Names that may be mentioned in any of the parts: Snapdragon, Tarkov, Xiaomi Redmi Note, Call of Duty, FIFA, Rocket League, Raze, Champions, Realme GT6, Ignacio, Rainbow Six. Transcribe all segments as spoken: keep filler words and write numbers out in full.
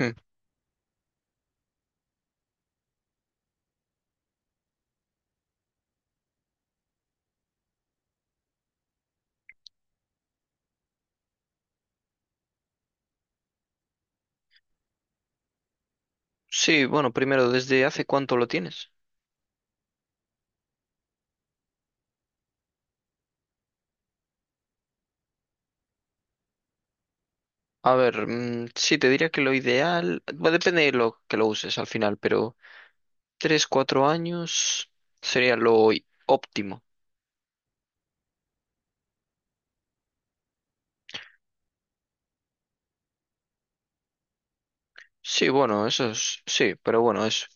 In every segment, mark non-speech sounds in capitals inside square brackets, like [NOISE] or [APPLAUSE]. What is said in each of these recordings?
Mm. Sí, bueno, primero, ¿desde hace cuánto lo tienes? A ver, mm, sí, te diría que lo ideal, bueno, depende de lo que lo uses al final, pero tres, cuatro años sería lo i- óptimo. Sí, bueno, eso es, sí, pero bueno, eso.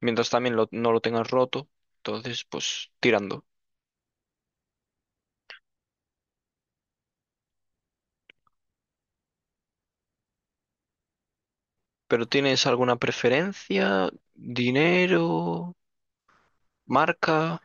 Mientras también lo- no lo tengas roto, entonces, pues tirando. ¿Pero tienes alguna preferencia? ¿Dinero? ¿Marca?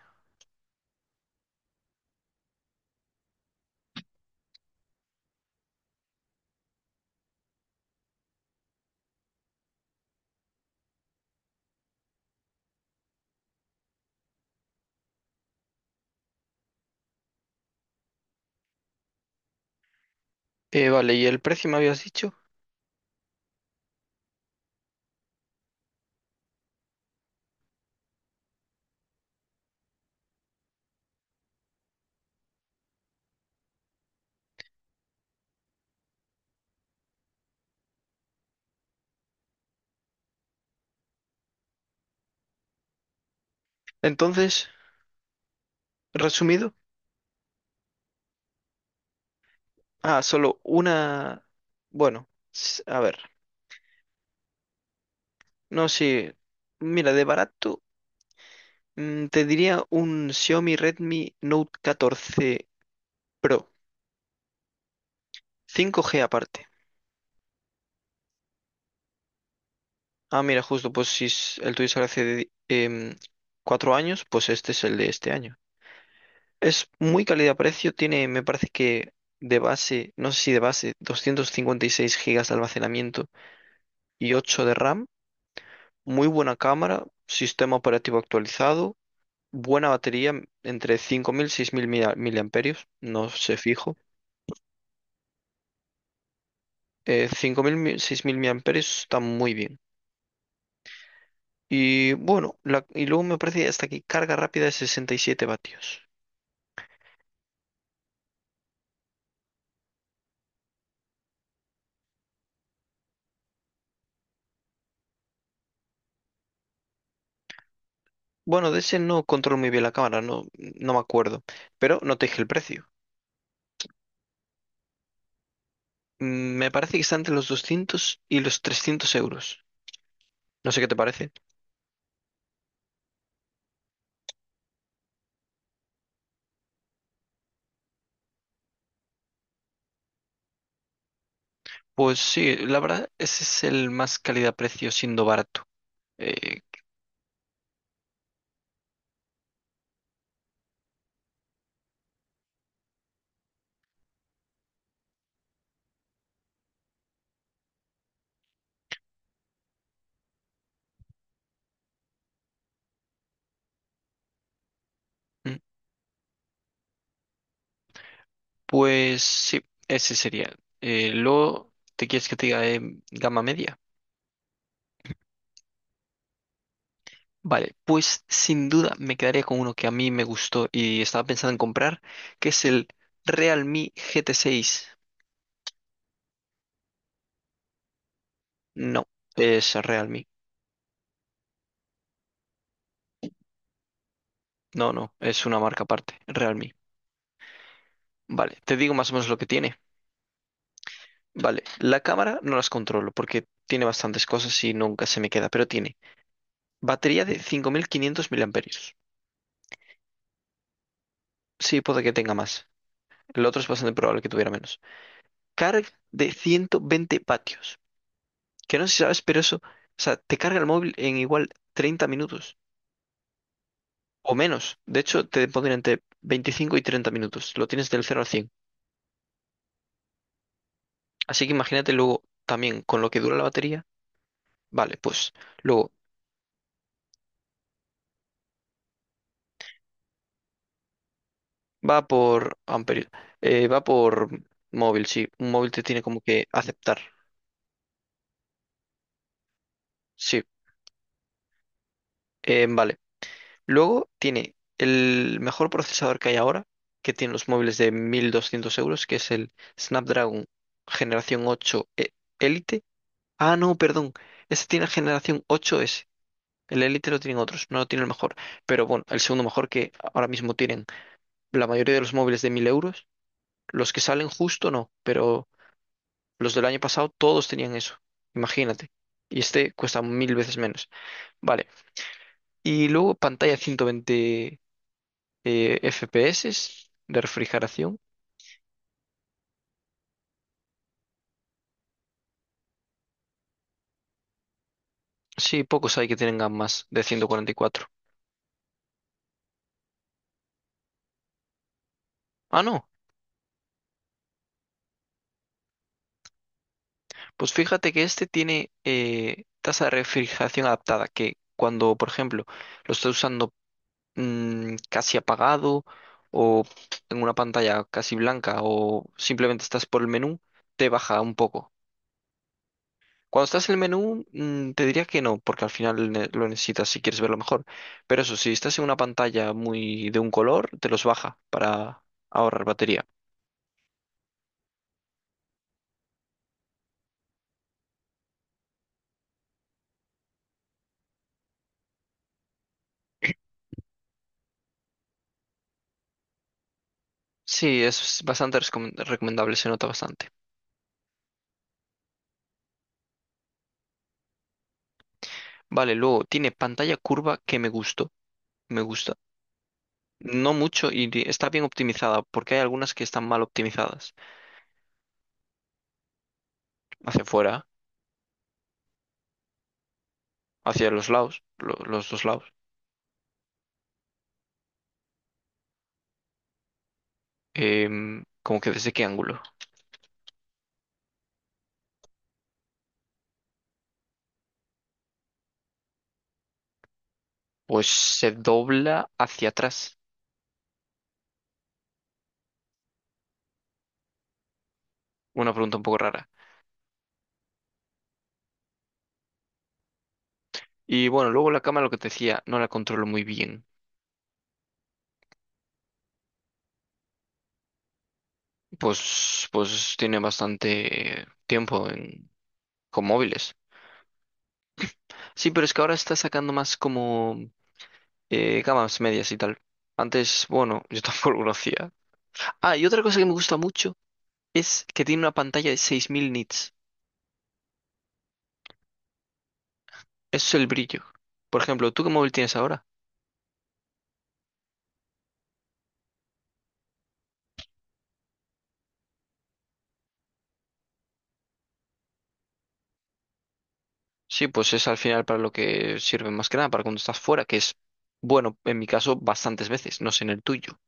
Eh, vale, ¿y el precio me habías dicho? Entonces, resumido. Ah, solo una. Bueno, s- a ver. No sé. Mira, de barato, mm, te diría un Xiaomi Redmi Note catorce Pro. Cinco g aparte. Ah, mira, justo, pues si s- el tuyo sale hace de- em, cuatro años, pues este es el de este año. Es muy calidad-precio, tiene, me parece que de base, no sé si de base, doscientos cincuenta y seis gigas de almacenamiento y ocho de RAM. Muy buena cámara, sistema operativo actualizado. Buena batería, entre cinco mil y seis mil mila- miliamperios, no sé fijo. Eh, cinco mil mi- seis mil miliamperios está muy bien. Y bueno, la- y luego me parece hasta aquí carga rápida de sesenta y siete vatios. Bueno, de ese no controlo muy bien la cámara, no, no me acuerdo, pero no te dije el precio. Mm, Me parece que está entre los doscientos y los trescientos euros. No sé qué te parece. Pues sí, la verdad, ese es el más calidad-precio siendo barato. Eh, Pues sí, ese sería. Eh, luego, ¿te quieres que te diga de gama media? Vale, pues sin duda me quedaría con uno que a mí me gustó y estaba pensando en comprar, que es el Realme G T seis. No, es Realme. No, no, es una marca aparte, Realme. Vale, te digo más o menos lo que tiene. Vale, la cámara no las controlo porque tiene bastantes cosas y nunca se me queda, pero tiene batería de cinco mil quinientos miliamperios. Sí, puede que tenga más. El otro es bastante probable que tuviera menos. Carga de ciento veinte vatios, que no sé si sabes, pero eso, o sea, te carga el móvil en igual treinta minutos o menos. De hecho, te pondría entre veinticinco y treinta minutos. Lo tienes del cero al cien. Así que imagínate luego también con lo que dura la batería. Vale, pues luego va por amperios, eh, va por móvil, sí. Un móvil te tiene como que aceptar. Sí. Eh, vale. Luego tiene el mejor procesador que hay ahora, que tiene los móviles de mil doscientos euros, que es el Snapdragon Generación ocho E- Elite. Ah, no, perdón. Este tiene generación ocho s. El Elite lo tienen otros, no lo tiene el mejor. Pero bueno, el segundo mejor que ahora mismo tienen la mayoría de los móviles de mil euros. Los que salen justo no, pero los del año pasado todos tenían eso. Imagínate. Y este cuesta mil veces menos. Vale. Y luego pantalla ciento veinte eh, F P S de refrigeración. Sí, pocos hay que tengan más de ciento cuarenta y cuatro. Ah, no. Pues fíjate que este tiene eh, tasa de refrigeración adaptada, que cuando, por ejemplo, lo estás usando mm, casi apagado o en una pantalla casi blanca o simplemente estás por el menú, te baja un poco. Cuando estás en el menú, mm, te diría que no, porque al final ne- lo necesitas si quieres verlo mejor. Pero eso, si estás en una pantalla muy de un color, te los baja para ahorrar batería. Sí, es bastante rescom- recomendable, se nota bastante. Vale, luego tiene pantalla curva que me gustó, me gusta. No mucho y di- está bien optimizada, porque hay algunas que están mal optimizadas. Hacia afuera, hacia los lados, lo- los dos lados. Em, ¿cómo que desde qué ángulo? Pues se dobla hacia atrás. Una pregunta un poco rara. Y bueno, luego la cámara, lo que te decía, no la controlo muy bien. Pues, pues tiene bastante tiempo en, con móviles. Sí, pero es que ahora está sacando más como eh, cámaras medias y tal. Antes, bueno, yo [LAUGHS] tampoco lo hacía. Ah, y otra cosa que me gusta mucho es que tiene una pantalla de seis mil nits. Eso es el brillo. Por ejemplo, ¿tú qué móvil tienes ahora? Sí, pues es al final para lo que sirve más que nada, para cuando estás fuera, que es, bueno, en mi caso, bastantes veces, no sé en el tuyo.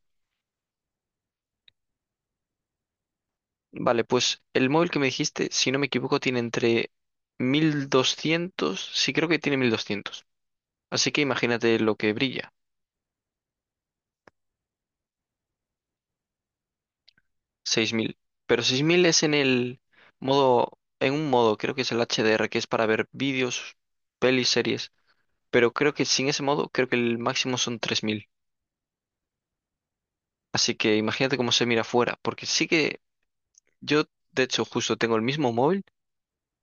Vale, pues el móvil que me dijiste, si no me equivoco, tiene entre mil doscientos, sí, creo que tiene mil doscientos. Así que imagínate lo que brilla, seis mil. Pero seis mil es en el modo, en un modo, creo que es el H D R, que es para ver vídeos, pelis, series. Pero creo que sin ese modo, creo que el máximo son tres mil. Así que imagínate cómo se mira fuera, porque sí que yo, de hecho, justo tengo el mismo móvil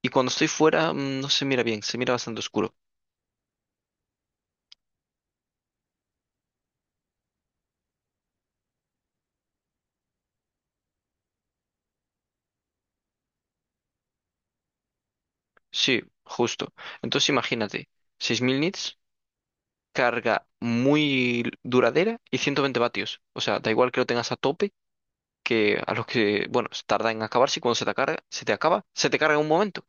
y cuando estoy fuera mm, no se mira bien, se mira bastante oscuro. Sí, justo. Entonces imagínate, seis mil nits, carga muy duradera y ciento veinte vatios. O sea, da igual que lo tengas a tope, que a los que, bueno, se tarda en acabarse y cuando se te carga, se te acaba, se te carga en un momento.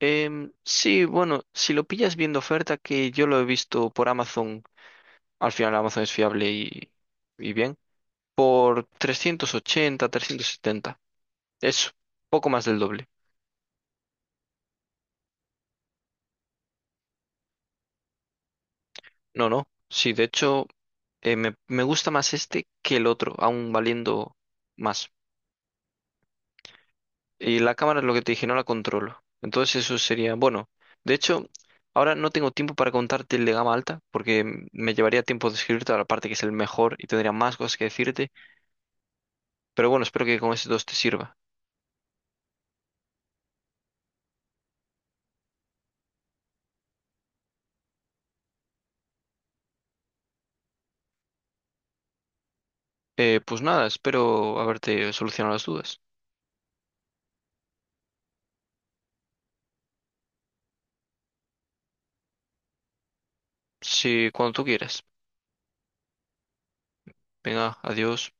Em, sí, bueno, si lo pillas viendo oferta, que yo lo he visto por Amazon, al final Amazon es fiable y, y bien, por trescientos ochenta, trescientos setenta. Eso, poco más del doble. No, no. Sí, de hecho, eh, me, me gusta más este que el otro, aún valiendo más. Y la cámara es lo que te dije, no la controlo. Entonces eso sería, bueno, de hecho, ahora no tengo tiempo para contarte el de gama alta, porque mm, me llevaría tiempo describirte la parte que es el mejor y tendría más cosas que decirte. Pero bueno, espero que con estos dos te sirva. Eh, pues nada, espero haberte solucionado las dudas. Si cuando tú quieras. Venga, adiós.